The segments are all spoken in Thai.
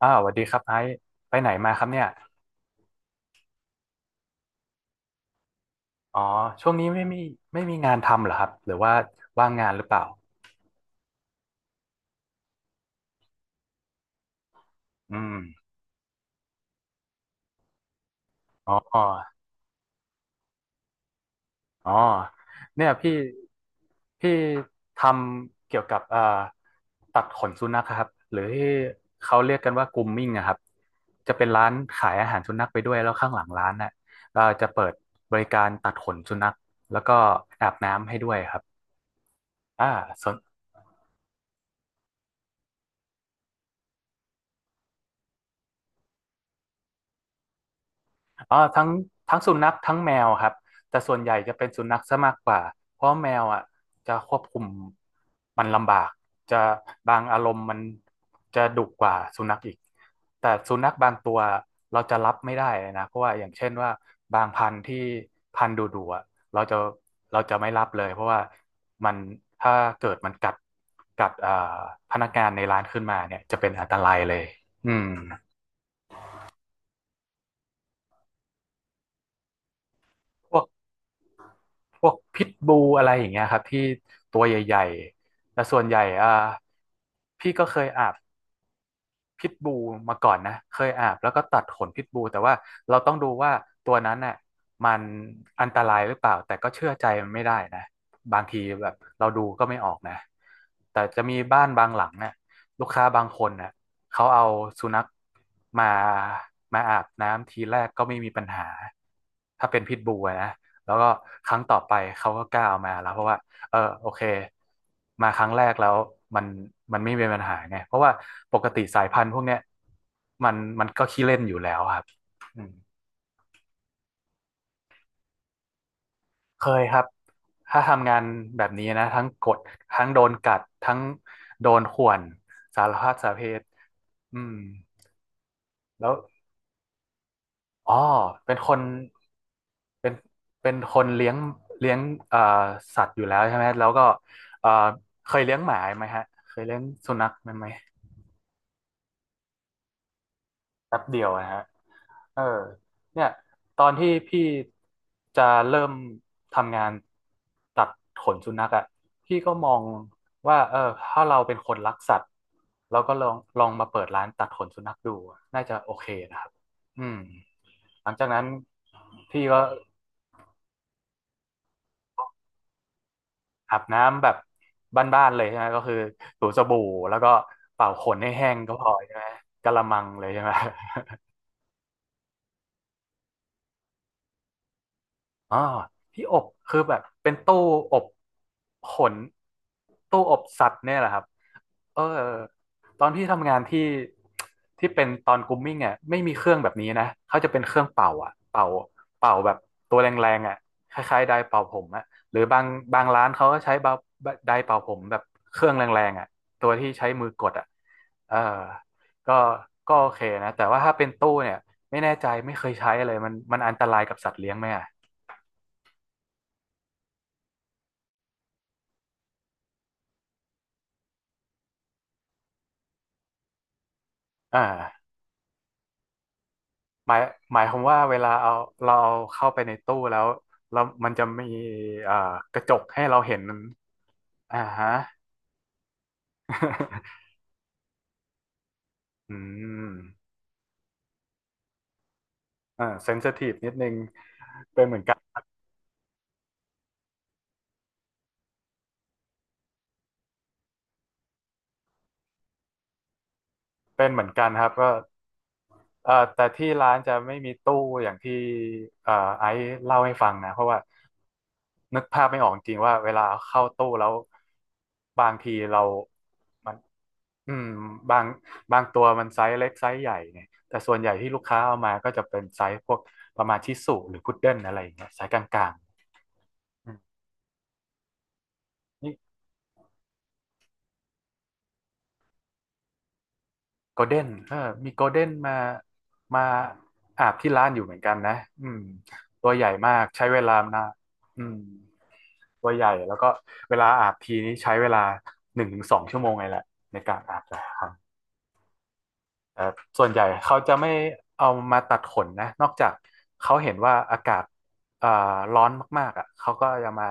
อ้าวสวัสดีครับไอซ์ไปไหนมาครับเนี่ยอ๋อช่วงนี้ไม่มีงานทำเหรอครับหรือว่าว่างงานหรือเปล่าอืมอ๋ออ๋อเนี่ยพี่ทำเกี่ยวกับตัดขนสุนัขครับหรือที่เขาเรียกกันว่า grooming อะครับจะเป็นร้านขายอาหารสุนัขไปด้วยแล้วข้างหลังร้านน่ะก็จะเปิดบริการตัดขนสุนัขแล้วก็อาบน้ำให้ด้วยครับอ่าสน อ๋อทั้งสุนัขทั้งแมวครับแต่ส่วนใหญ่จะเป็นสุนัขซะมากกว่าเพราะแมวอ่ะจะควบคุมมันลำบากจะบางอารมณ์มันจะดุกว่าสุนัขอีกแต่สุนัขบางตัวเราจะรับไม่ได้เลยนะเพราะว่าอย่างเช่นว่าบางพันธุ์ที่พันธุ์ดุๆอ่ะเราจะเราจะไม่รับเลยเพราะว่ามันถ้าเกิดมันกัดพนักงานในร้านขึ้นมาเนี่ยจะเป็นอันตรายเลยอืมพวก พวกพิทบูอะไรอย่างเงี้ยครับที่ตัวใหญ่ๆแต่ส่วนใหญ่พี่ก็เคยอาบ พิทบูลมาก่อนนะเคยอาบแล้วก็ตัดขนพิทบูลแต่ว่าเราต้องดูว่าตัวนั้นน่ะมันอันตรายหรือเปล่าแต่ก็เชื่อใจมันไม่ได้นะบางทีแบบเราดูก็ไม่ออกนะแต่จะมีบ้านบางหลังเนี่ยลูกค้าบางคนน่ะเขาเอาสุนัขมามาอาบน้ำทีแรกก็ไม่มีปัญหาถ้าเป็นพิทบูลอะนะแล้วก็ครั้งต่อไปเขาก็กล้าเอามาแล้วเพราะว่า เออโอเคมาครั้งแรกแล้วมันมันไม่มีปัญหาไงเพราะว่าปกติสายพันธุ์พวกเนี้ยมันมันก็ขี้เล่นอยู่แล้วครับอืมเคยครับถ้าทำงานแบบนี้นะทั้งกดทั้งโดนกัดทั้งโดนข่วนสารพัดสาเพศอืมแล้วอ๋อเป็นคนเป็นเป็นคนเลี้ยงเลี้ยงเอ่อสัตว์อยู่แล้วใช่ไหมแล้วก็เอ่อเคยเลี้ยงหมาไหมฮะเคยเลี้ยงสุนัขไหม แป๊บเดียวนะฮะเออเนี่ยตอนที่พี่จะเริ่มทำงานตัดขนสุนัขอ่ะพี่ก็มองว่าเออถ้าเราเป็นคนรักสัตว์เราก็ลองมาเปิดร้านตัดขนสุนัขดู น่าจะโอเคนะครับอืมหลังจากนั้นพี่ก็อาบน้ำแบบบ้านๆเลยใช่ไหมก็คือถูสบู่แล้วก็เป่าขนให้แห้งก็พอใช่ไหมกะละมังเลยใช่ไหม อ่อที่อบคือแบบเป็นตู้อบขนตู้อบสัตว์เนี่ยแหละครับเออตอนที่ทำงานที่ที่เป็นตอนกรูมมิ่งอ่ะไม่มีเครื่องแบบนี้นะเขาจะเป็นเครื่องเป่าอ่ะเป่าแบบตัวแรงๆอ่ะคล้ายๆไดร์เป่าผมอ่ะหรือบางร้านเขาก็ใช้เป่าไดร์เป่าผมแบบเครื่องแรงๆอ่ะตัวที่ใช้มือกดอ่ะเออก็ก็โอเคนะแต่ว่าถ้าเป็นตู้เนี่ยไม่แน่ใจไม่เคยใช้เลยมันอันตรายกับสัตว์เลี้ยงไหมอ่ะ อ่าหมายหมายความว่าเวลาเอาเราเอาเข้าไปในตู้แล้วแล้วมันจะมีอ่ากระจกให้เราเห็นอ่าฮะ อืมเซนซิทีฟนิดนึงเป็นเหมือนกันเป็นเหมือนกันครับก็แต่ที่ร้านจะไม่มีตู้อย่างที่เอ่อไอซ์เล่าให้ฟังนะเพราะว่านึกภาพไม่ออกจริงๆว่าเวลาเข้าตู้แล้วบางทีเรามัน อืมบางบางตัวมันไซส์เล็กไซส์ใหญ่เนี่ยแต่ส่วนใหญ่ที่ลูกค้าเอามาก็จะเป็นไซส์พวกประมาณชิสุหรือพุดเดิ้ลอะไรอย่างเงี้ยไซส์กลางๆอืมนี่โกลเด้นเออมีโกลเด้นมาอาบที่ร้านอยู่เหมือนกันนะอืมตัวใหญ่มากใช้เวลานานอืมตัวใหญ่แล้วก็เวลาอาบทีนี้ใช้เวลา1 ถึง 2 ชั่วโมงเลยแหละในการอาบแต่ละครั้ง เอ่อส่วนใหญ่เขาจะไม่เอามาตัดขนนะนอกจากเขาเห็นว่าอากาศเอ่อร้อนมากๆอ่ะเขาก็จะมา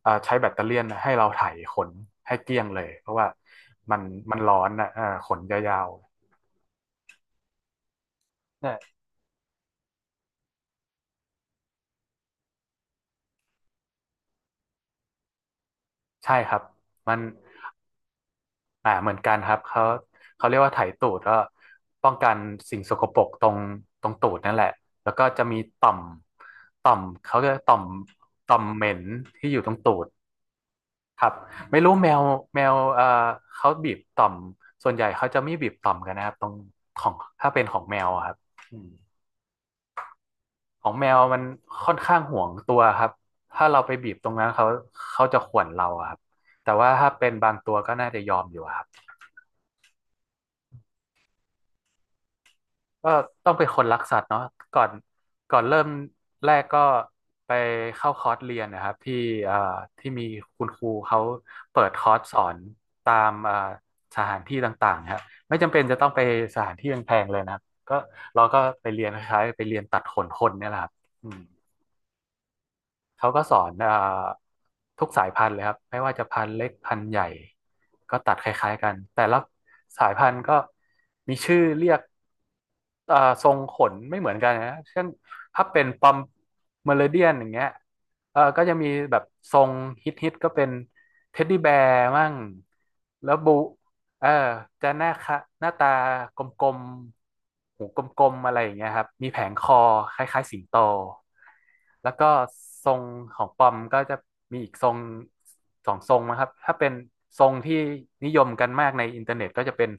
ใช้แบตเตอเลี่ยนให้เราไถขนให้เกลี้ยงเลยเพราะว่ามันร้อนนะขนยาวๆเนี่ยใช่ครับมันเหมือนกันครับเขาเรียกว่าไถตูดก็ป้องกันสิ่งสกปรกตรงตูดนั่นแหละแล้วก็จะมีต่อมต่อมเขาเรียกว่าต่อมเหม็นที่อยู่ตรงตูด ครับไม่รู้แมวแมวเขาบีบต่อมส่วนใหญ่เขาจะไม่บีบต่อมกันนะครับตรงของถ้าเป็นของแมวอะครับอืมของแมวมันค่อนข้างห่วงตัวครับถ้าเราไปบีบตรงนั้นเขาเขาจะข่วนเราอะครับแต่ว่าถ้าเป็นบางตัวก็น่าจะยอมอยู่ครับ ก็ต้องเป็นคนรักสัตว์เนาะก่อนก่อนเริ่มแรกก็ไปเข้าคอร์สเรียนนะครับที่อ่าที่มีคุณครูเขาเปิดคอร์สสอนตามสถานที่ต่างๆนะครับไม่จำเป็นจะต้องไปสถานที่แพงๆเลยนะครับก็เราก็ไปเรียนคล้ายๆไปเรียนตัดขนคนเนี่ยแหละครับอืม เขาก็สอนทุกสายพันธุ์เลยครับไม่ว่าจะพันธุ์เล็กพันธุ์ใหญ่ก็ตัดคล้ายๆกันแต่ละสายพันธุ์ก็มีชื่อเรียกเอ่อทรงขนไม่เหมือนกันนะเช่นถ้าเป็นปอมเมอริเดียนอย่างเงี้ยเออก็จะมีแบบทรงฮิตๆก็เป็นเท็ดดี้แบร์มั่งแล้วบู เออจะหน้าคะหน้าตากลมๆหูกลมๆอะไรอย่างเงี้ยครับมีแผงคอคล้ายๆสิงโตแล้วก็ทรงของปอมก็จะมีอีกทรงสองทรงนะครับถ้าเป็นทรงที่นิยมกันมากในอินเทอร์เน็ตก็จะเป็น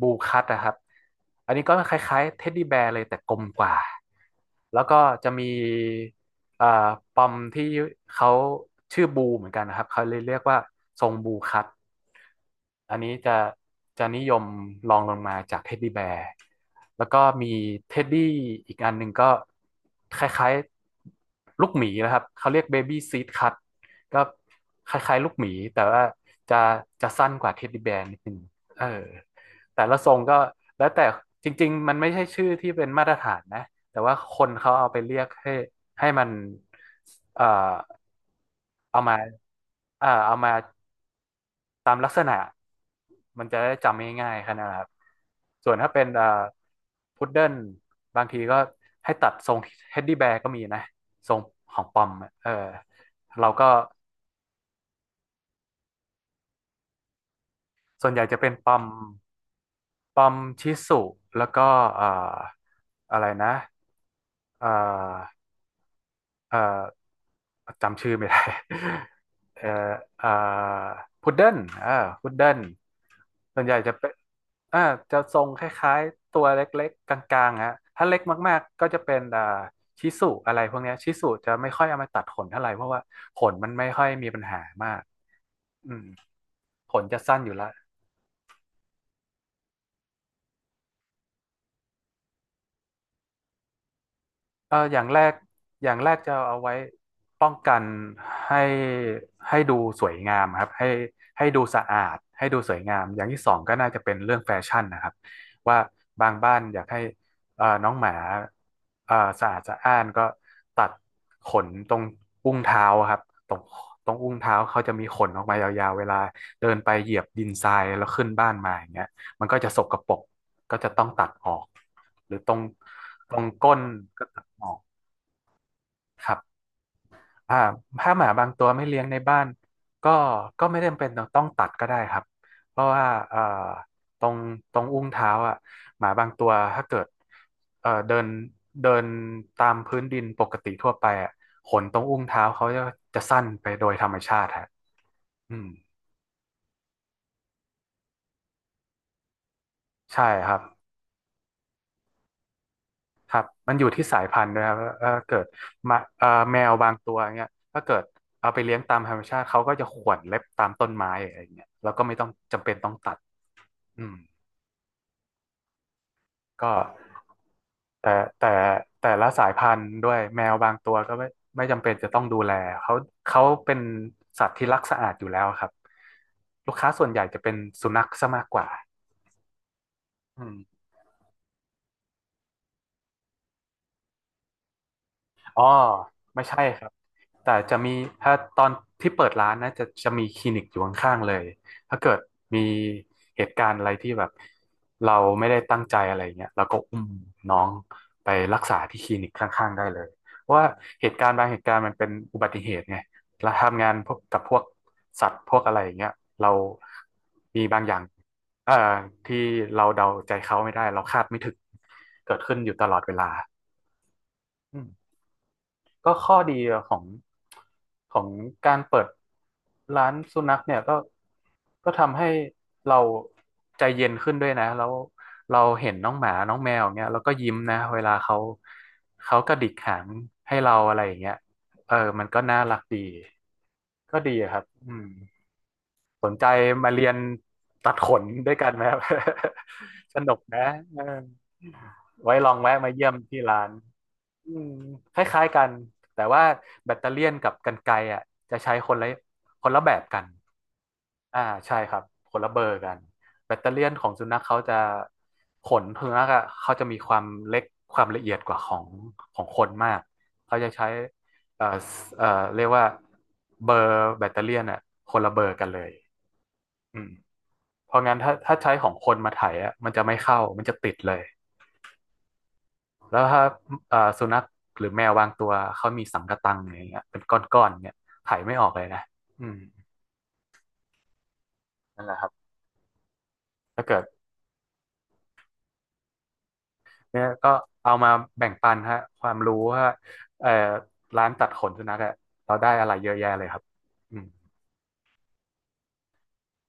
บูคัตนะครับอันนี้ก็คล้ายๆเท็ดดี้แบร์เลยแต่กลมกว่าแล้วก็จะมี เอ่อปอมที่เขาชื่อบูเหมือนกันนะครับเขาเลยเรียกว่าทรงบูคัตอันนี้จะจะนิยมรองลงมาจากเท็ดดี้แบร์แล้วก็มีเท็ดดี้อีกอันหนึ่งก็คล้ายๆลูกหมีนะครับเขาเรียกเบบี้ซีดคัตก็คล้ายๆลูกหมีแต่ว่าจะจะสั้นกว่าเท็ดดี้แบร์นิดนึงเออแต่ละทรงก็แล้วแต่จริงๆมันไม่ใช่ชื่อที่เป็นมาตรฐานนะแต่ว่าคนเขาเอาไปเรียกให้ ให้มันเอ่อเอามาเอามาตามลักษณะมันจะได้จำง่ายๆแค่นั้นแหละครับส่วนถ้าเป็นพุดเดิ้ลบางทีก็ให้ตัดทรงเฮดดี้แบร์ก็มีนะทรงของปอมอะเออเราก็ส่วนใหญ่จะเป็นปอมปอมชิสุแล้วก็เอ่ออะไรนะเอ่อเอ่อ จำชื่อไม่ได้ เอ่ออ่าพุดเดิ้ลอ่าพุดเดิ้ลส่วนใหญ่จะเป็นอ่าจะทรงคล้ายๆตัวเล็กๆกลางๆฮะถ้าเล็กมากๆก็จะเป็นชิสุอะไรพวกเนี้ยชิสุจะไม่ค่อยเอามาตัดขนเท่าไหร่เพราะว่าขนมันไม่ค่อยมีปัญหามากอืมขนจะสั้นอยู่ละ เอออย่างแรกอย่างแรกจะเอาไว้ป้องกันให้ให้ดูสวยงามครับให้ให้ดูสะอาดให้ดูสวยงามอย่างที่สองก็น่าจะเป็นเรื่องแฟชั่นนะครับว่าบางบ้านอยากให้น้องหมาสะอาดสะอ้านก็ตัดขนตรงอุ้งเท้าครับตรงตรงอุ้งเท้าเขาจะมีขนออกมายาวๆเวลาเดินไปเหยียบดินทรายแล้วขึ้นบ้านมาอย่างเงี้ยมันก็จะสกปรกก็จะต้องตัดออกหรือตรงตรงก้นก็ อ๋อครับอ่าถ้าหมาบางตัวไม่เลี้ยงในบ้านก็ก็ไม่จำเป็นต้องตัดก็ได้ครับเพราะว่าเอ่อตรงตรงอุ้งเท้าอ่ะหมาบางตัวถ้าเกิดเดินเดินตามพื้นดินปกติทั่วไปอ่ะขนตรงอุ้งเท้าเขาจะจะสั้นไปโดยธรรมชาติฮะอืมใช่ครับ ครับมันอยู่ที่สายพันธุ์ด้วยครับเออเกิดมาแมวบางตัวเงี้ยถ้าเกิดเอาไปเลี้ยงตามธรรมชาติเขาก็จะข่วนเล็บตามต้นไม้อะไรเงี้ยแล้วก็ไม่ต้องจำเป็นต้องตัดอืมก็แต่แต่แต่ละสายพันธุ์ด้วยแมวบางตัวก็ไม่ไม่จำเป็นจะต้องดูแลเขาเขาเป็นสัตว์ที่รักสะอาดอยู่แล้วครับ ลูกค้าส่วนใหญ่จะเป็นสุนัขซะมากกว่าอืมอ๋อไม่ใช่ครับ แต่จะมีถ้าตอนที่เปิดร้านนะจะจะมีคลินิกอยู่ข้างๆเลยถ้าเกิดมีเหตุการณ์อะไรที่แบบเราไม่ได้ตั้งใจอะไรเงี้ยเราก็อุ้มน้องไปรักษาที่คลินิกข้างๆได้เลยเพราะว่าเหตุการณ์บางเหตุการณ์มันเป็นอุบัติเหตุไงเราทำงานพวกกับพวกสัตว์พวกอะไรอย่างเงี้ยเรามีบางอย่างเอ่อที่เราเดาใจเขาไม่ได้เราคาดไม่ถึงเกิดขึ้นอยู่ตลอดเวลาอืม ก็ข้อดีของของการเปิดร้านสุนัขเนี่ยก็ก็ทำให้เราใจเย็นขึ้นด้วยนะแล้วเราเห็นน้องหมาน้องแมวอย่างเงี้ยเราก็ยิ้มนะเวลาเขาเขากระดิกหางให้เราอะไรอย่างเงี้ยเออมันก็น่ารักดีก็ดีอะครับอืม สนใจมาเรียนตัดขนด้วยกันไหมครับ สนุกนะเออไว้ลองแวะมาเยี่ยมที่ร้านอืมคล้ายๆกันแต่ว่าแบตเตอเลียนกับกรรไกรอ่ะจะใช้คนละคนละแบบกันอ่าใช่ครับคนละเบอร์กันแบตเตอเลียนของสุนัขเขาจะขนสุนัขอะเขาจะมีความเล็กความละเอียดกว่าของของคนมากเขาจะใช้เอ่อเอ่อเรียกว่าเบอร์แบตเตอเลียนอ่ะคนละเบอร์กันเลย อืมเพราะงั้นถ้าถ้าใช้ของคนมาไถอ่ะมันจะไม่เข้ามันจะติดเลยแล้วถ้าสุนัขหรือแมวบางตัวเขามีสังกะตังอย่างเงี้ยเป็นก้อนๆเนี่ยไถไม่ออกเลยนะอืมนั่นแหละครับถ้าเกิดเนี่ยก็เอามาแบ่งปันฮะความรู้ว่าเอ่อร้านตัดขนสุนัขอะเราได้อะไรเยอะแยะเลยครับอืม